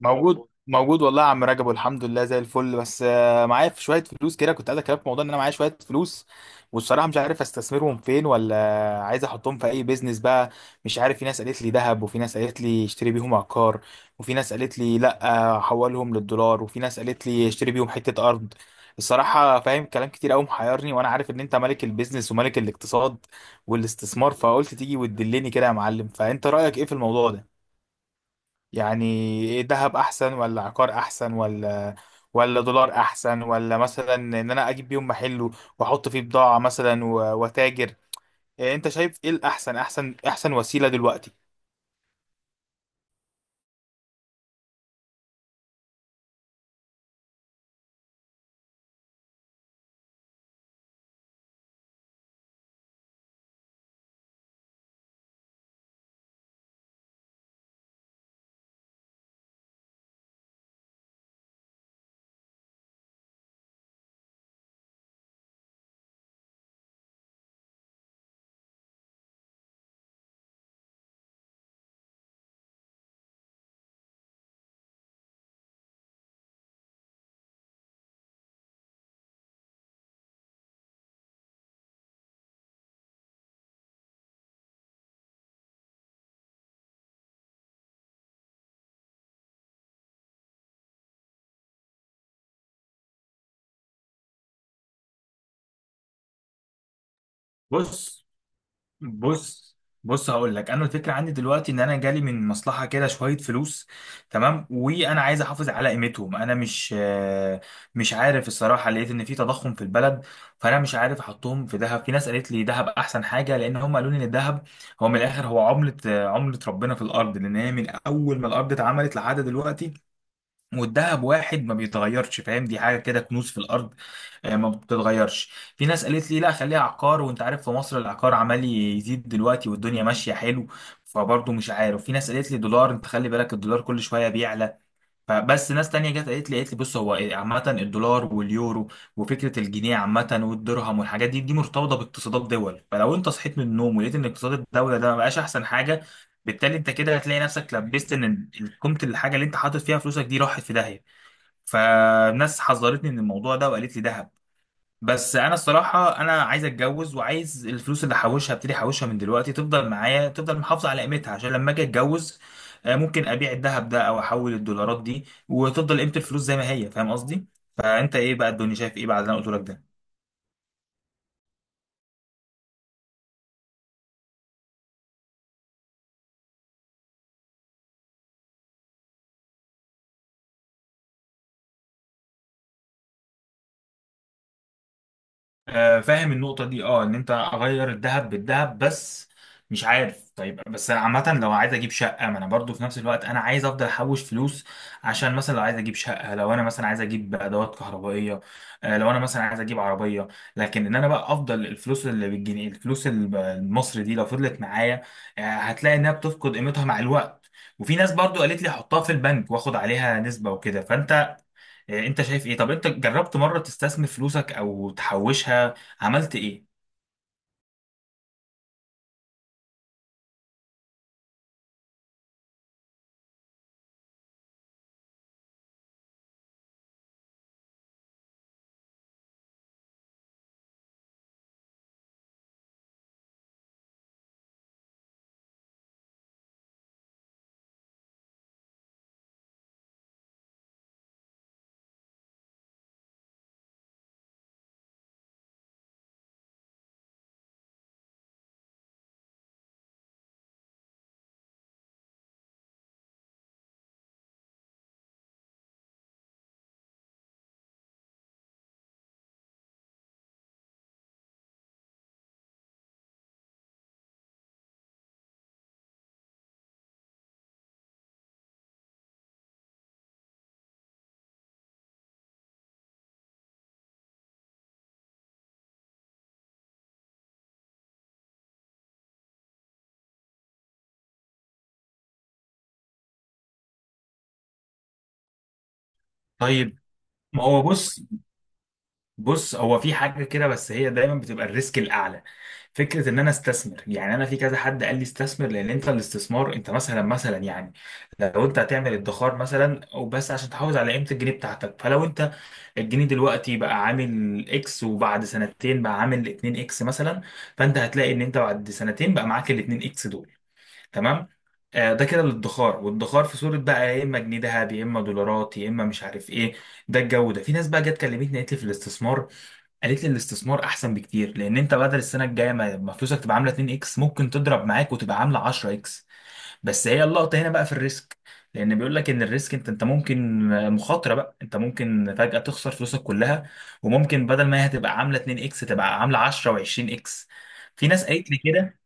موجود موجود والله يا عم رجب، والحمد لله زي الفل. بس معايا في شويه فلوس كده، كنت عايز اكلمك في موضوع ان انا معايا شويه فلوس، والصراحه مش عارف استثمرهم فين، ولا عايز احطهم في اي بيزنس بقى. مش عارف، في ناس قالت لي ذهب، وفي ناس قالت لي اشتري بيهم عقار، وفي ناس قالت لي لا حولهم للدولار، وفي ناس قالت لي اشتري بيهم حته ارض. الصراحه فاهم كلام كتير قوي محيرني، وانا عارف ان انت ملك البيزنس وملك الاقتصاد والاستثمار، فقلت تيجي وتدلني كده يا معلم. فانت رايك ايه في الموضوع ده؟ يعني ايه، دهب احسن ولا عقار احسن ولا دولار احسن، ولا مثلا ان انا اجيب بيهم محل واحط فيه بضاعة مثلا واتاجر؟ إيه انت شايف ايه الاحسن، احسن وسيلة دلوقتي؟ بص بص بص، هقول لك انا الفكره عندي دلوقتي ان انا جالي من مصلحه كده شويه فلوس، تمام، وانا عايز احافظ على قيمتهم. انا مش مش عارف الصراحه، لقيت ان في تضخم في البلد، فانا مش عارف احطهم في ذهب. في ناس قالت لي ذهب احسن حاجه، لان هم قالوا لي ان الذهب هو من الاخر هو عمله عمله ربنا في الارض، لان هي من اول ما الارض اتعملت لحد دلوقتي والدهب واحد ما بيتغيرش. فاهم؟ دي حاجه كده كنوز في الارض، ما بتتغيرش. في ناس قالت لي لا، خليها عقار، وانت عارف في مصر العقار عمال يزيد دلوقتي والدنيا ماشيه حلو. فبرضه مش عارف، في ناس قالت لي دولار، انت خلي بالك الدولار كل شويه بيعلى. فبس ناس تانية جت قالت لي بص، هو عامة الدولار واليورو وفكرة الجنيه عامة والدرهم والحاجات دي، مرتبطة باقتصادات دول. فلو انت صحيت من النوم ولقيت ان اقتصاد الدولة ده ما بقاش احسن حاجة، بالتالي انت كده هتلاقي نفسك لبست ان قيمة الحاجة اللي انت حاطط فيها فلوسك دي راحت في داهية. فناس حذرتني من الموضوع ده وقالت لي دهب. بس انا الصراحه انا عايز اتجوز، وعايز الفلوس اللي احوشها ابتدي احوشها من دلوقتي تفضل معايا، تفضل محافظه على قيمتها، عشان لما اجي اتجوز ممكن ابيع الذهب ده او احول الدولارات دي وتفضل قيمه الفلوس زي ما هي. فاهم قصدي؟ فانت ايه بقى، الدنيا شايف ايه بعد اللي انا قلت لك ده؟ فاهم النقطة دي، اه، ان انت اغير الذهب بالذهب. بس مش عارف، طيب بس عامة لو عايز اجيب شقة، ما انا برضو في نفس الوقت انا عايز افضل احوش فلوس، عشان مثلا لو عايز اجيب شقة، لو انا مثلا عايز اجيب ادوات كهربائية، لو انا مثلا عايز اجيب عربية. لكن ان انا بقى افضل الفلوس اللي بالجنيه، الفلوس المصري دي لو فضلت معايا، هتلاقي انها بتفقد قيمتها مع الوقت. وفي ناس برضو قالت لي حطها في البنك واخد عليها نسبة وكده. فانت انت شايف ايه؟ طب انت جربت مرة تستثمر فلوسك او تحوشها؟ عملت ايه؟ طيب، ما هو بص، بص، هو في حاجة كده بس هي دايما بتبقى الريسك الاعلى. فكرة ان انا استثمر، يعني انا في كذا حد قال لي استثمر، لان انت الاستثمار انت مثلا يعني لو انت هتعمل ادخار مثلا، او بس عشان تحافظ على قيمة الجنيه بتاعتك، فلو انت الجنيه دلوقتي بقى عامل اكس، وبعد سنتين بقى عامل 2 اكس مثلا، فانت هتلاقي ان انت بعد سنتين بقى معاك ال 2 اكس دول. تمام. ده كده للادخار، والادخار في صورة بقى يا اما جنيه ذهب يا اما دولارات يا اما مش عارف ايه، ده الجو ده. في ناس بقى جت كلمتني قالت لي في الاستثمار، قالت لي الاستثمار احسن بكتير، لان انت بدل السنه الجايه ما فلوسك تبقى عامله 2 اكس ممكن تضرب معاك وتبقى عامله 10 اكس. بس هي اللقطه هنا بقى في الريسك. لان بيقول لك ان الريسك انت، ممكن مخاطره بقى، انت ممكن فجاه تخسر فلوسك كلها، وممكن بدل ما هي هتبقى عامله 2 اكس تبقى عامله 10 و20 اكس. في ناس قالت لي كده.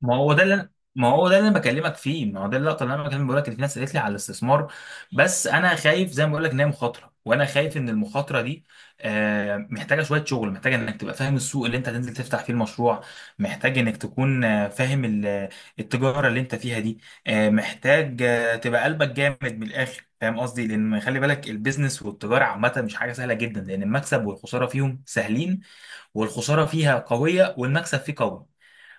ما هو ده اللي أنا- ما هو ده اللي انا بكلمك فيه، ما هو ده اللقطه اللي انا بكلمك، بقول لك ان في ناس قالت لي على الاستثمار. بس انا خايف زي ما بقول لك ان هي مخاطره، وانا خايف ان المخاطره دي محتاجه شويه شغل، محتاجه انك تبقى فاهم السوق اللي انت هتنزل تفتح فيه المشروع، محتاج انك تكون فاهم التجاره اللي انت فيها دي، محتاج تبقى قلبك جامد من الاخر. فاهم قصدي؟ لان خلي بالك البيزنس والتجاره عامه مش حاجه سهله جدا، لان المكسب والخساره فيهم سهلين، والخساره فيها قويه والمكسب فيه قوي.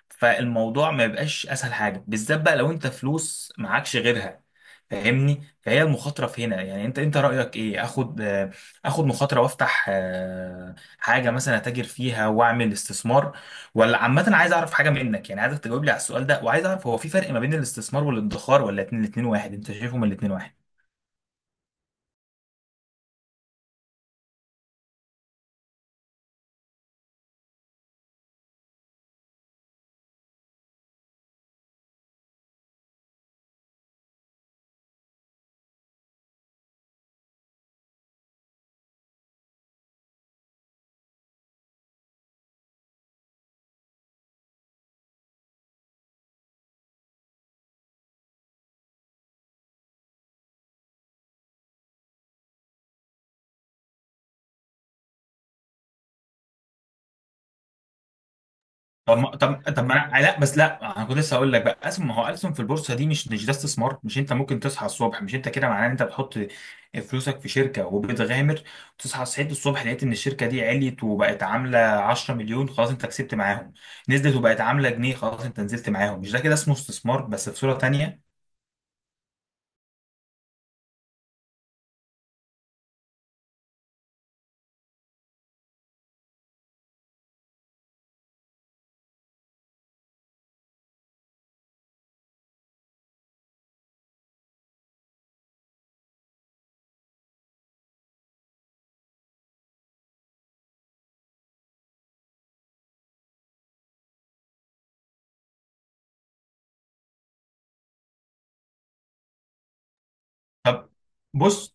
فالموضوع ما بيبقاش اسهل حاجه، بالذات بقى لو انت فلوس معكش غيرها. فاهمني؟ فهي المخاطره في هنا. يعني انت، رايك ايه، اخد اخد مخاطره وافتح حاجه مثلا اتاجر فيها واعمل استثمار؟ ولا عامه عايز اعرف حاجه منك، يعني عايزك تجاوب لي على السؤال ده، وعايز اعرف هو في فرق ما بين الاستثمار والادخار، ولا الاتنين واحد، انت شايفهم الاتنين واحد؟ طب ما انا لا، بس لا انا كنت لسه هقول لك بقى أسهم. ما هو أسهم في البورصه دي مش ده استثمار؟ مش انت ممكن تصحى الصبح، مش انت كده معناه ان انت بتحط فلوسك في شركه وبتغامر؟ تصحى، صحيت الصبح لقيت ان الشركه دي عليت وبقت عامله 10 مليون، خلاص انت كسبت معاهم. نزلت وبقت عامله جنيه، خلاص انت نزلت معاهم. مش ده كده اسمه استثمار بس في صوره تانيه؟ طب، بص،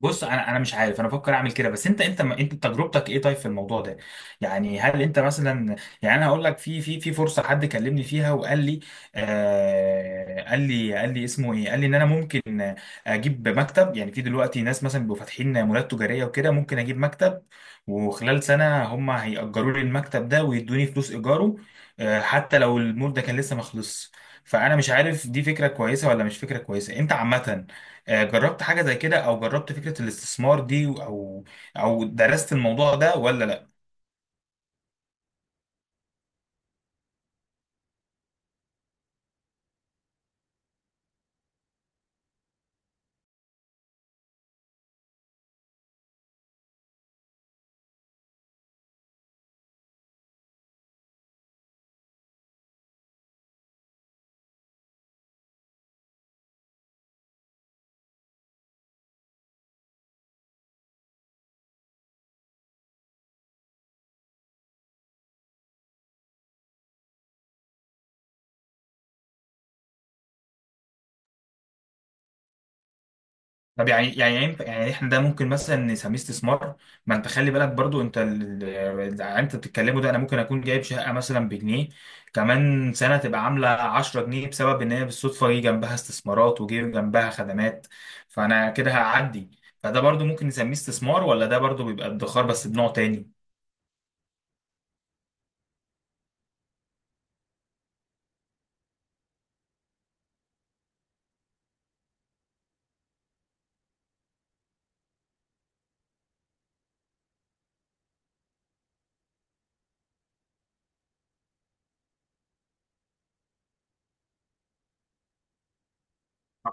بص، انا مش عارف، انا بفكر اعمل كده. بس انت، تجربتك ايه طيب في الموضوع ده؟ يعني هل انت مثلا، يعني انا هقول لك، في فرصه حد كلمني فيها وقال لي، آه قال لي، اسمه ايه، قال لي ان انا ممكن اجيب مكتب. يعني في دلوقتي ناس مثلا بيبقوا فاتحين مولات تجاريه وكده، ممكن اجيب مكتب وخلال سنه هم هيأجروا لي المكتب ده ويدوني فلوس ايجاره، آه حتى لو المول ده كان لسه ما خلصش. فانا مش عارف دي فكره كويسه ولا مش فكره كويسه. انت عامه جربت حاجة زي كده؟ او جربت فكرة الاستثمار دي، او او درست الموضوع ده ولا لا؟ طب يعني، يعني احنا ده ممكن مثلا نسميه استثمار؟ ما انت خلي بالك برضو انت انت بتتكلمه ده، انا ممكن اكون جايب شقة مثلا بجنيه، كمان سنة تبقى عاملة 10 جنيه بسبب ان هي بالصدفة جه جنبها استثمارات وجه جنبها خدمات، فانا كده هعدي. فده برضو ممكن نسميه استثمار ولا ده برضو بيبقى ادخار بس بنوع تاني؟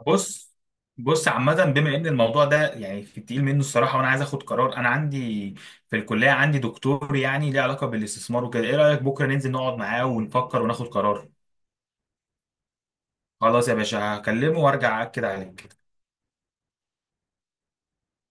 بص، بص، عامة بما ان الموضوع ده يعني في التقيل منه الصراحة، وانا عايز اخد قرار، انا عندي في الكلية عندي دكتور يعني ليه علاقة بالاستثمار وكده، ايه رأيك بكرة ننزل نقعد معاه ونفكر وناخد قرار؟ خلاص يا باشا، هكلمه وارجع اكد عليك.